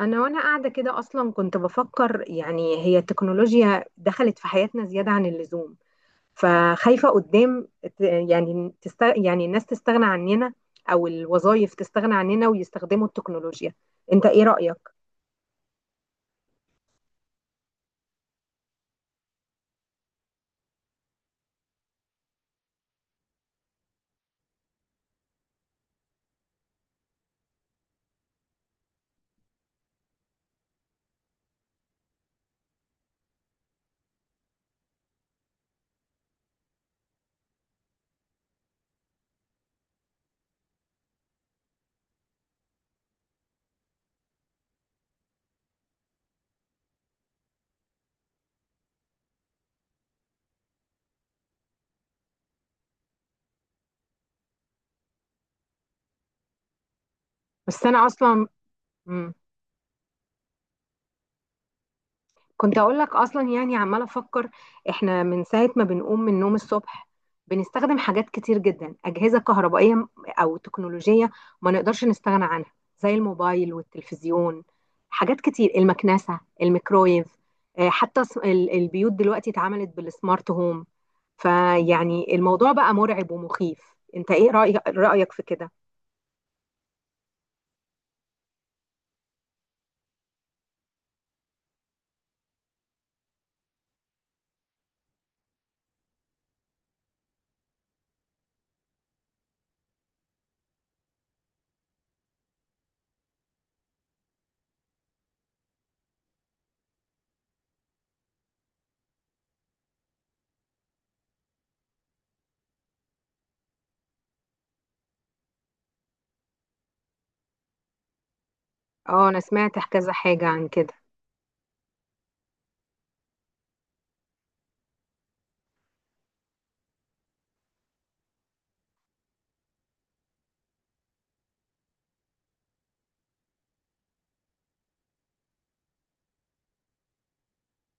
انا وانا قاعده كده اصلا كنت بفكر، يعني هي التكنولوجيا دخلت في حياتنا زياده عن اللزوم. فخايفه قدام، يعني الناس تستغنى عننا، او الوظائف تستغنى عننا ويستخدموا التكنولوجيا. انت ايه رايك؟ بس انا اصلا. مم. كنت اقول لك اصلا، يعني عماله افكر. احنا من ساعه ما بنقوم من النوم الصبح بنستخدم حاجات كتير جدا، اجهزه كهربائيه او تكنولوجيه، ما نقدرش نستغنى عنها، زي الموبايل والتلفزيون. حاجات كتير، المكنسه، الميكرويف. حتى البيوت دلوقتي اتعملت بالسمارت هوم. فيعني الموضوع بقى مرعب ومخيف. انت ايه رايك في كده؟ اه انا سمعت كذا حاجه عن كده.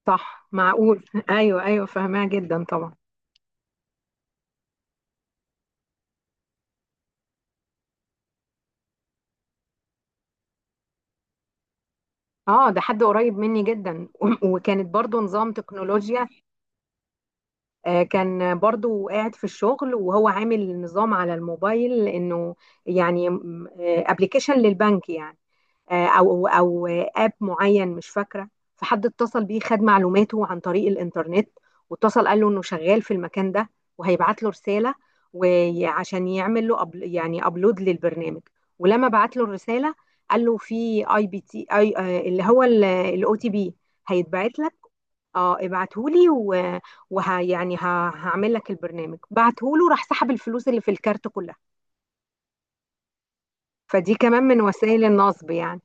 صح، معقول ايوه ايوه، فاهمها جدا طبعا. اه ده حد قريب مني جدا وكانت برضو نظام تكنولوجيا. كان برضو قاعد في الشغل وهو عامل نظام على الموبايل، انه يعني ابلكيشن للبنك يعني، او اب معين مش فاكره. فحد اتصل بيه، خد معلوماته عن طريق الانترنت، واتصل قال له انه شغال في المكان ده وهيبعت له رساله وعشان يعمل له أبل، يعني ابلود للبرنامج. ولما بعت له الرساله قال له في اي بي تي اي، اللي هو الاو تي بي، هيتبعت لك. اه ابعته لي ويعني هعمل لك البرنامج، بعته له راح سحب الفلوس اللي في الكارت كلها. فدي كمان من وسائل النصب يعني.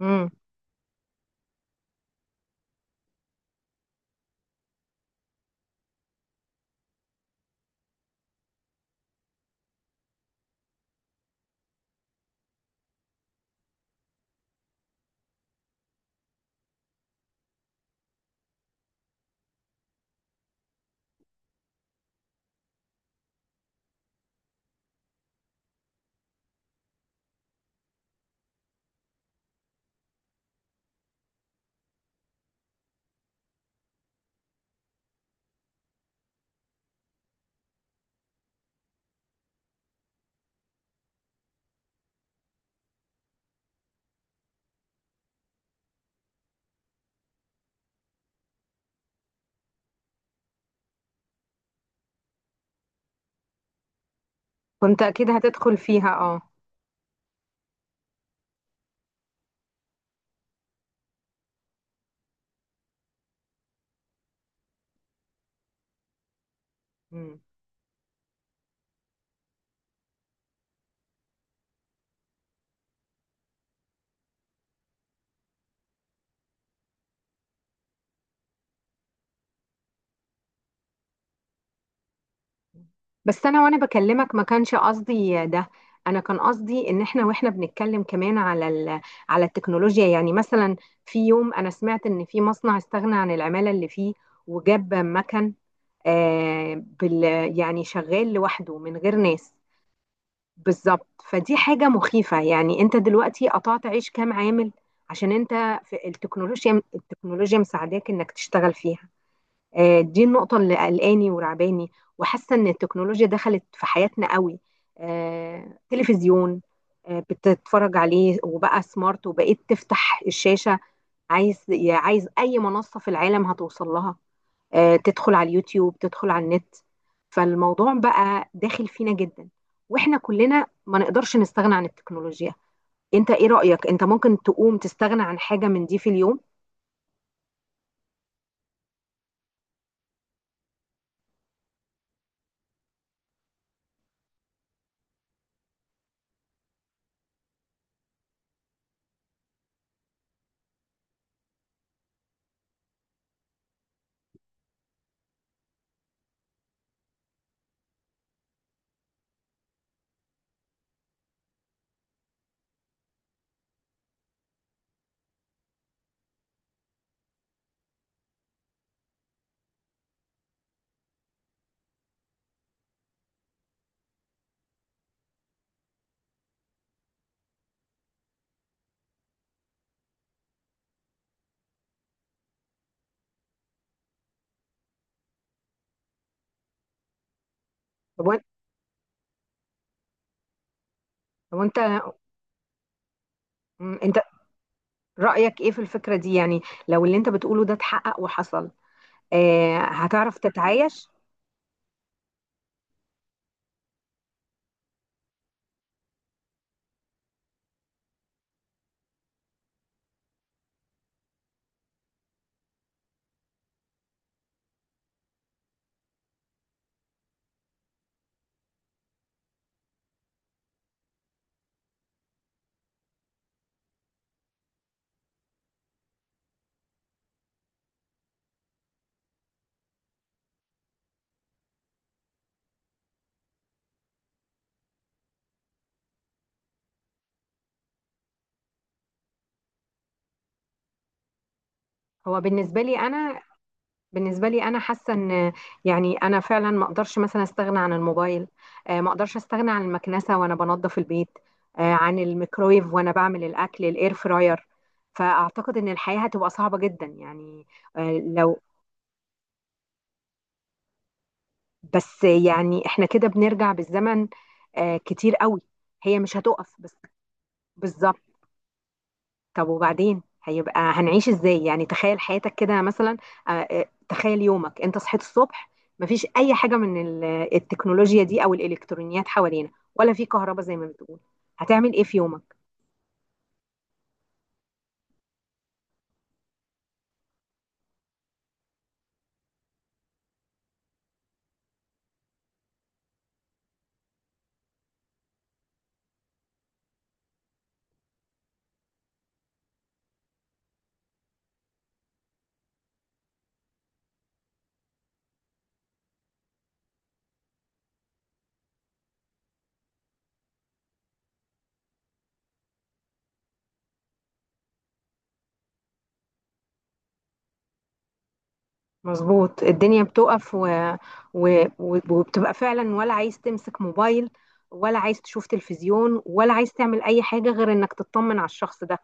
مم. كنت اكيد هتدخل فيها اه. مم. بس انا وانا بكلمك ما كانش قصدي ده. انا كان قصدي ان احنا واحنا بنتكلم كمان على على التكنولوجيا. يعني مثلا، في يوم انا سمعت ان في مصنع استغنى عن العمالة اللي فيه وجاب مكن، آه بال... يعني شغال لوحده من غير ناس. بالظبط، فدي حاجة مخيفة يعني. انت دلوقتي قطعت عيش كام عامل عشان انت في التكنولوجيا التكنولوجيا مساعداك انك تشتغل فيها. دي النقطة اللي قلقاني ورعباني، وحاسة إن التكنولوجيا دخلت في حياتنا قوي. تلفزيون بتتفرج عليه وبقى سمارت، وبقيت تفتح الشاشة عايز يا عايز أي منصة في العالم هتوصل لها. تدخل على اليوتيوب، تدخل على النت. فالموضوع بقى داخل فينا جدا، وإحنا كلنا ما نقدرش نستغنى عن التكنولوجيا. أنت إيه رأيك؟ أنت ممكن تقوم تستغنى عن حاجة من دي في اليوم؟ هو. هو أنت أنت رأيك ايه في الفكرة دي؟ يعني لو اللي انت بتقوله ده اتحقق وحصل، هتعرف تتعايش؟ هو بالنسبة لي انا بالنسبة لي انا حاسة ان، يعني انا فعلا ما اقدرش مثلا استغنى عن الموبايل. ما اقدرش استغنى عن المكنسة وانا بنظف البيت، عن الميكرويف وانا بعمل الاكل، الاير فراير. فاعتقد ان الحياة هتبقى صعبة جدا يعني. آه لو بس يعني احنا كده بنرجع بالزمن كتير قوي. هي مش هتقف بس. بالظبط. طب وبعدين هيبقى هنعيش ازاي؟ يعني تخيل حياتك كده مثلا. تخيل يومك، انت صحيت الصبح، مفيش اي حاجه من التكنولوجيا دي او الالكترونيات حوالينا، ولا في كهرباء زي ما بتقول. هتعمل ايه في يومك؟ مظبوط، الدنيا بتقف وبتبقى فعلا ولا عايز تمسك موبايل ولا عايز تشوف تلفزيون ولا عايز تعمل اي حاجه غير انك تطمن على الشخص ده.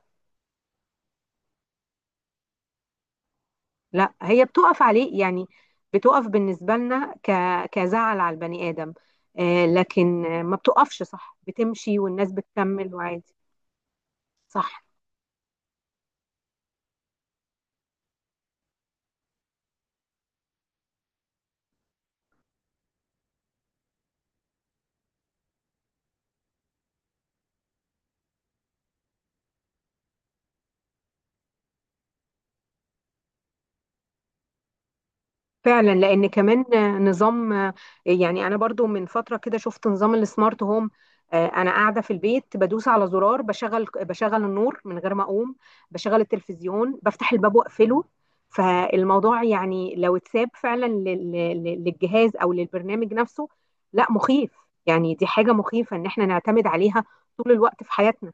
لا هي بتقف عليه يعني. بتقف بالنسبة لنا كزعل على البني آدم. لكن ما بتقفش، صح، بتمشي والناس بتكمل وعادي. صح، فعلا، لان كمان نظام. يعني انا برضو من فتره كده شفت نظام السمارت هوم. انا قاعده في البيت بدوس على زرار، بشغل النور من غير ما اقوم، بشغل التلفزيون، بفتح الباب واقفله. فالموضوع يعني لو اتساب فعلا للجهاز او للبرنامج نفسه، لا مخيف. يعني دي حاجه مخيفه ان احنا نعتمد عليها طول الوقت في حياتنا.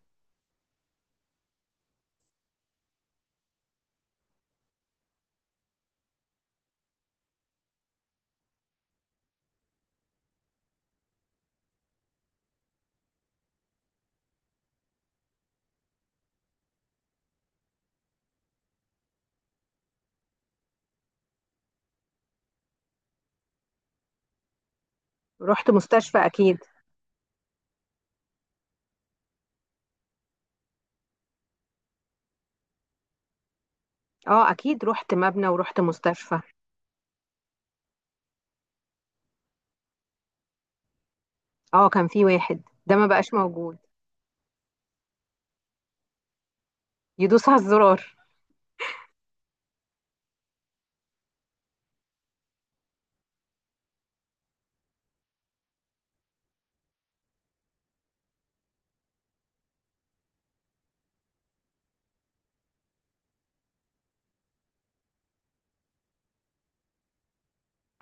رحت مستشفى اكيد. اه اكيد رحت مبنى ورحت مستشفى. اه كان في واحد ده ما بقاش موجود. يدوس على الزرار.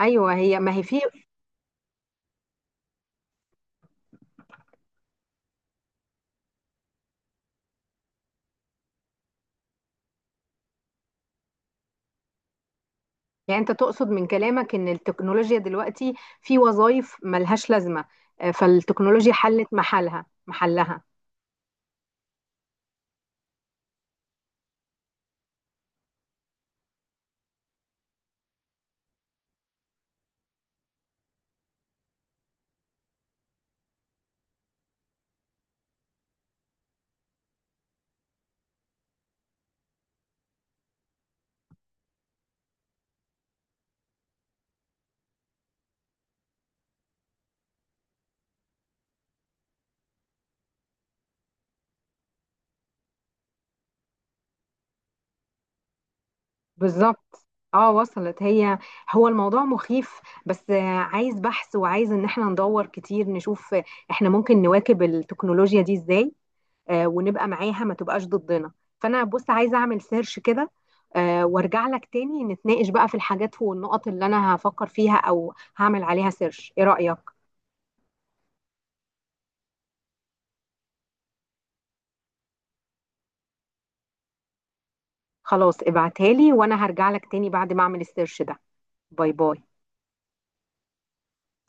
ايوه هي، ما هي في. يعني انت تقصد من كلامك ان التكنولوجيا دلوقتي في وظائف ملهاش لازمه، فالتكنولوجيا حلت محلها. بالظبط. اه وصلت هي. هو الموضوع مخيف، بس عايز بحث وعايز ان احنا ندور كتير نشوف احنا ممكن نواكب التكنولوجيا دي ازاي، ونبقى معاها ما تبقاش ضدنا. فانا بص عايزه اعمل سيرش كده، وارجع لك تاني نتناقش بقى في الحاجات والنقط اللي انا هفكر فيها او هعمل عليها سيرش. ايه رأيك؟ خلاص ابعتها لي، وانا هرجع لك تاني بعد ما اعمل السيرش ده. باي باي.